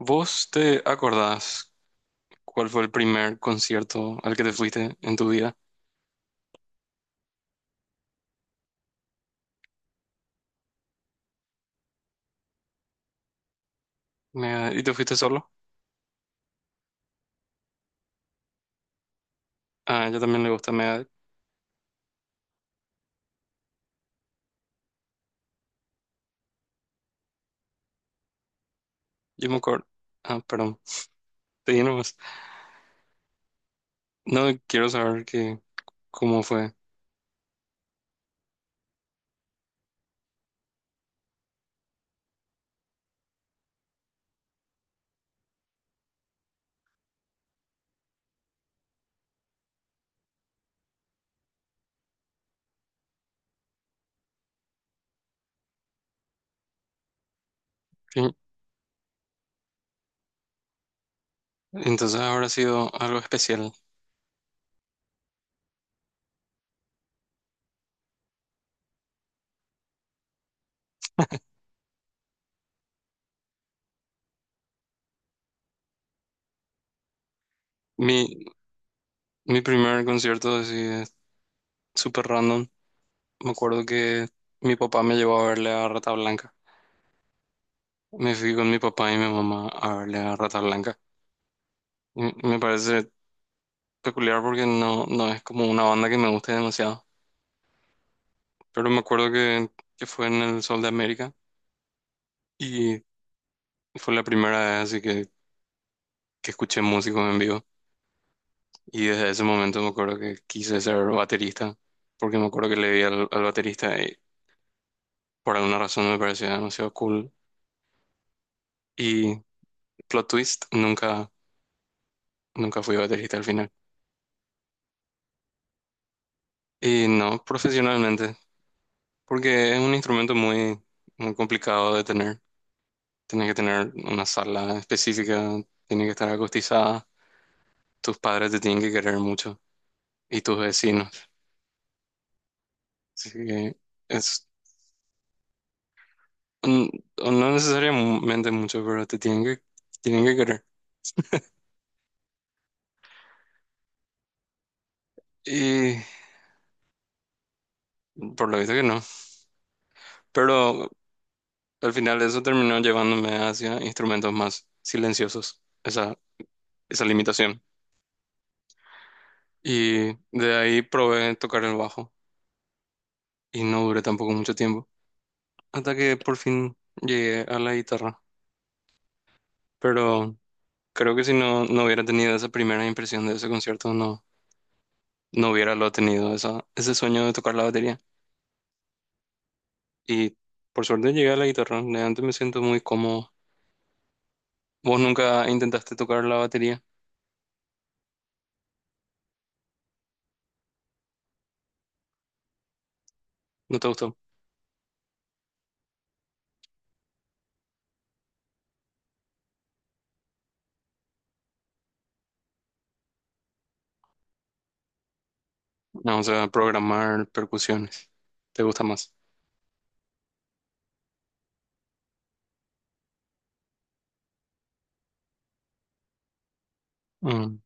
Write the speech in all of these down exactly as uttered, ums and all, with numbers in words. ¿Vos te acordás cuál fue el primer concierto al que te fuiste en tu vida? Megadeth. ¿Y te fuiste solo? Ah, yo también le gusta Megadeth. Yo me acuerdo. Ah, perdón. Te di nomás. No quiero saber que, cómo fue. Sí. Entonces habrá sido algo especial. Mi, mi primer concierto así es súper random. Me acuerdo que mi papá me llevó a verle a Rata Blanca. Me fui con mi papá y mi mamá a verle a Rata Blanca. Y me parece peculiar porque no, no es como una banda que me guste demasiado. Pero me acuerdo que, que fue en el Sol de América y fue la primera vez así que, que escuché músicos en vivo. Y desde ese momento me acuerdo que quise ser baterista porque me acuerdo que le vi al, al baterista y por alguna razón me parecía demasiado cool. Y plot twist, nunca, nunca fui baterista al final. Y no profesionalmente, porque es un instrumento muy, muy complicado de tener. Tienes que tener una sala específica, tiene que estar acustizada, tus padres te tienen que querer mucho y tus vecinos. Así que es mm, o no necesariamente mucho, pero te tienen que, tienen que querer. Y por lo visto que no. Pero al final eso terminó llevándome hacia instrumentos más silenciosos, esa, esa limitación. Y de ahí probé tocar el bajo y no duré tampoco mucho tiempo, hasta que por fin llegué a la guitarra. Pero creo que si no, no hubiera tenido esa primera impresión de ese concierto, no, no hubiera lo tenido, esa, ese sueño de tocar la batería. Y por suerte llegué a la guitarra, de antes me siento muy cómodo. ¿Vos nunca intentaste tocar la batería? ¿No te gustó? No, o sea, programar percusiones. ¿Te gusta más? Mm,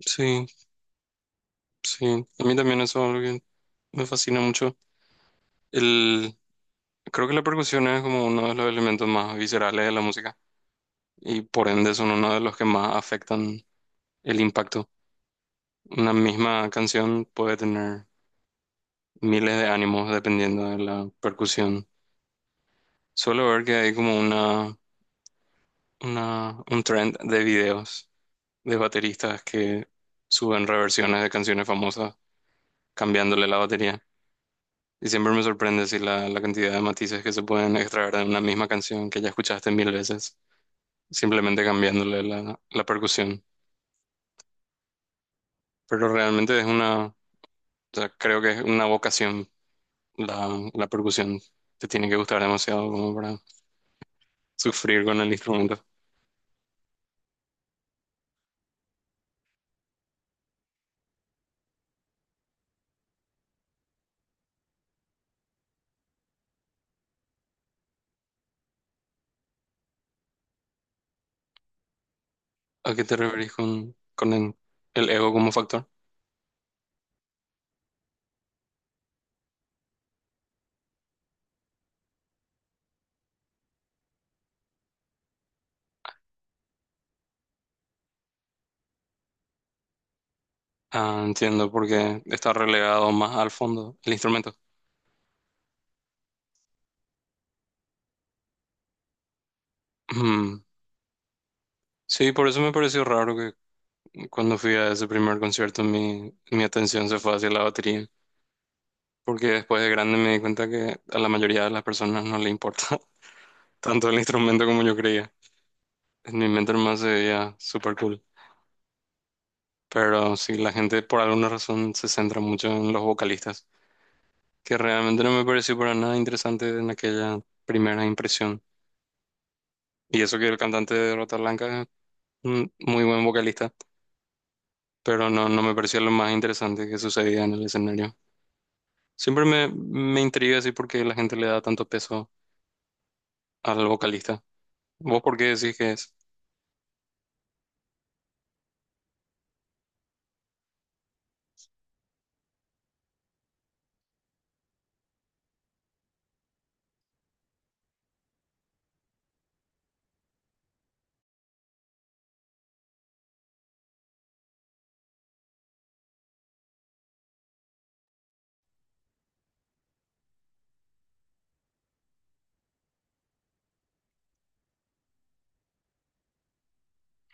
sí, sí. A mí también eso es algo que me fascina mucho. El, creo que la percusión es como uno de los elementos más viscerales de la música y por ende son uno de los que más afectan el impacto. Una misma canción puede tener miles de ánimos dependiendo de la percusión. Suelo ver que hay como una, una, un trend de videos de bateristas que suben reversiones de canciones famosas cambiándole la batería. Y siempre me sorprende si la, la cantidad de matices que se pueden extraer de una misma canción que ya escuchaste mil veces, simplemente cambiándole la, la percusión. Pero realmente es una, o sea, creo que es una vocación la, la percusión. Te tiene que gustar demasiado como para sufrir con el instrumento. ¿A qué te referís con, con el, el ego como factor? Ah, entiendo, porque está relegado más al fondo el instrumento. Mm. Sí, por eso me pareció raro que cuando fui a ese primer concierto mi, mi atención se fue hacia la batería, porque después de grande me di cuenta que a la mayoría de las personas no le importa tanto el instrumento como yo creía. En mi mente más se veía súper cool, pero sí, la gente por alguna razón se centra mucho en los vocalistas, que realmente no me pareció para nada interesante en aquella primera impresión. Y eso que el cantante de Rata Blanca es un muy buen vocalista, pero no, no me pareció lo más interesante que sucedía en el escenario. Siempre me, me intriga así porque la gente le da tanto peso al vocalista. ¿Vos por qué decís que es?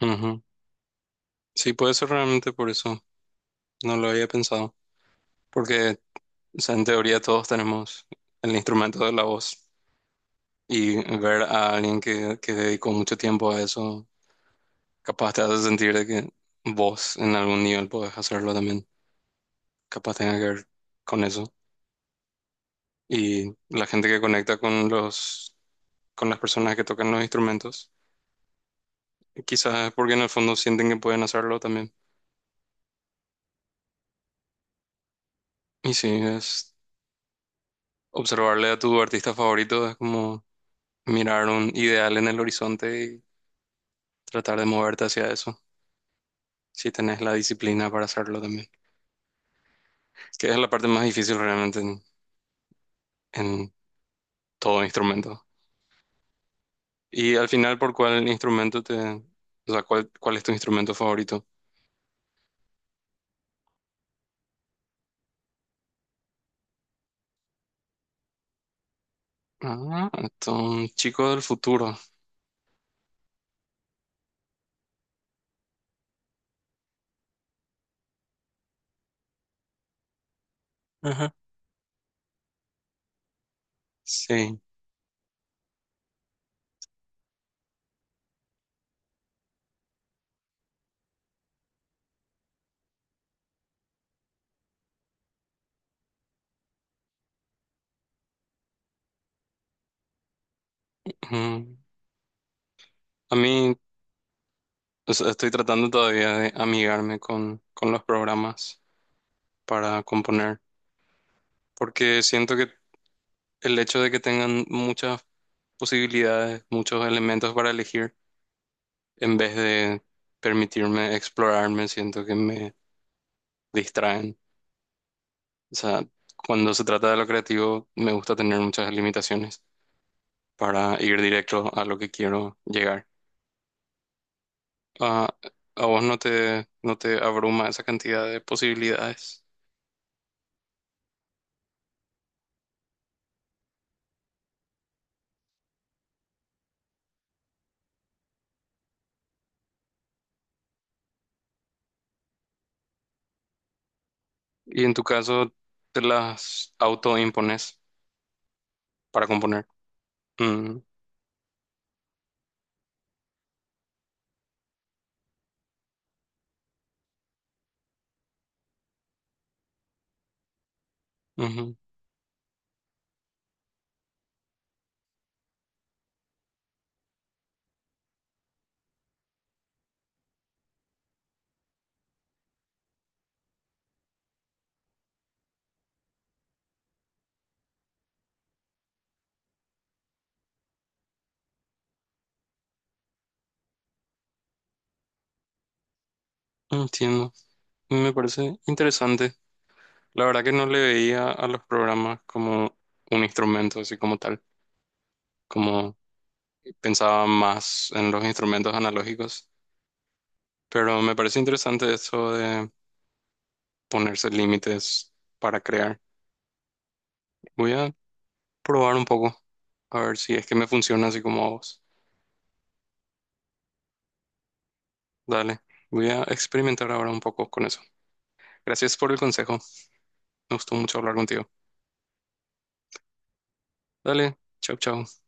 Ujú. Sí, puede ser realmente por eso. No lo había pensado. Porque, o sea, en teoría todos tenemos el instrumento de la voz. Y ver a alguien que, que dedicó mucho tiempo a eso capaz te hace sentir de que vos en algún nivel podés hacerlo también. Capaz tenga que ver con eso. Y la gente que conecta con los, con las personas que tocan los instrumentos, quizás es porque en el fondo sienten que pueden hacerlo también. Y sí, es observarle a tu artista favorito, es como mirar un ideal en el horizonte y tratar de moverte hacia eso, si tenés la disciplina para hacerlo también. Que es la parte más difícil realmente en, en todo instrumento. Y al final, ¿por cuál instrumento te... O sea, ¿cuál, ¿cuál es tu instrumento favorito? Ah, un chico del futuro. Ajá. Sí. Mm. A mí, o sea, estoy tratando todavía de amigarme con, con los programas para componer, porque siento que el hecho de que tengan muchas posibilidades, muchos elementos para elegir, en vez de permitirme explorarme, siento que me distraen. O sea, cuando se trata de lo creativo, me gusta tener muchas limitaciones, para ir directo a lo que quiero llegar. Ah, a vos no te, no te abruma esa cantidad de posibilidades y en tu caso te las autoimpones para componer. Mm, ujú, entiendo. Me parece interesante. La verdad que no le veía a los programas como un instrumento así como tal, como pensaba más en los instrumentos analógicos, pero me parece interesante eso de ponerse límites para crear. Voy a probar un poco, a ver si es que me funciona así como a vos. Dale, voy a experimentar ahora un poco con eso. Gracias por el consejo, me gustó mucho hablar contigo. Dale, chau, chau.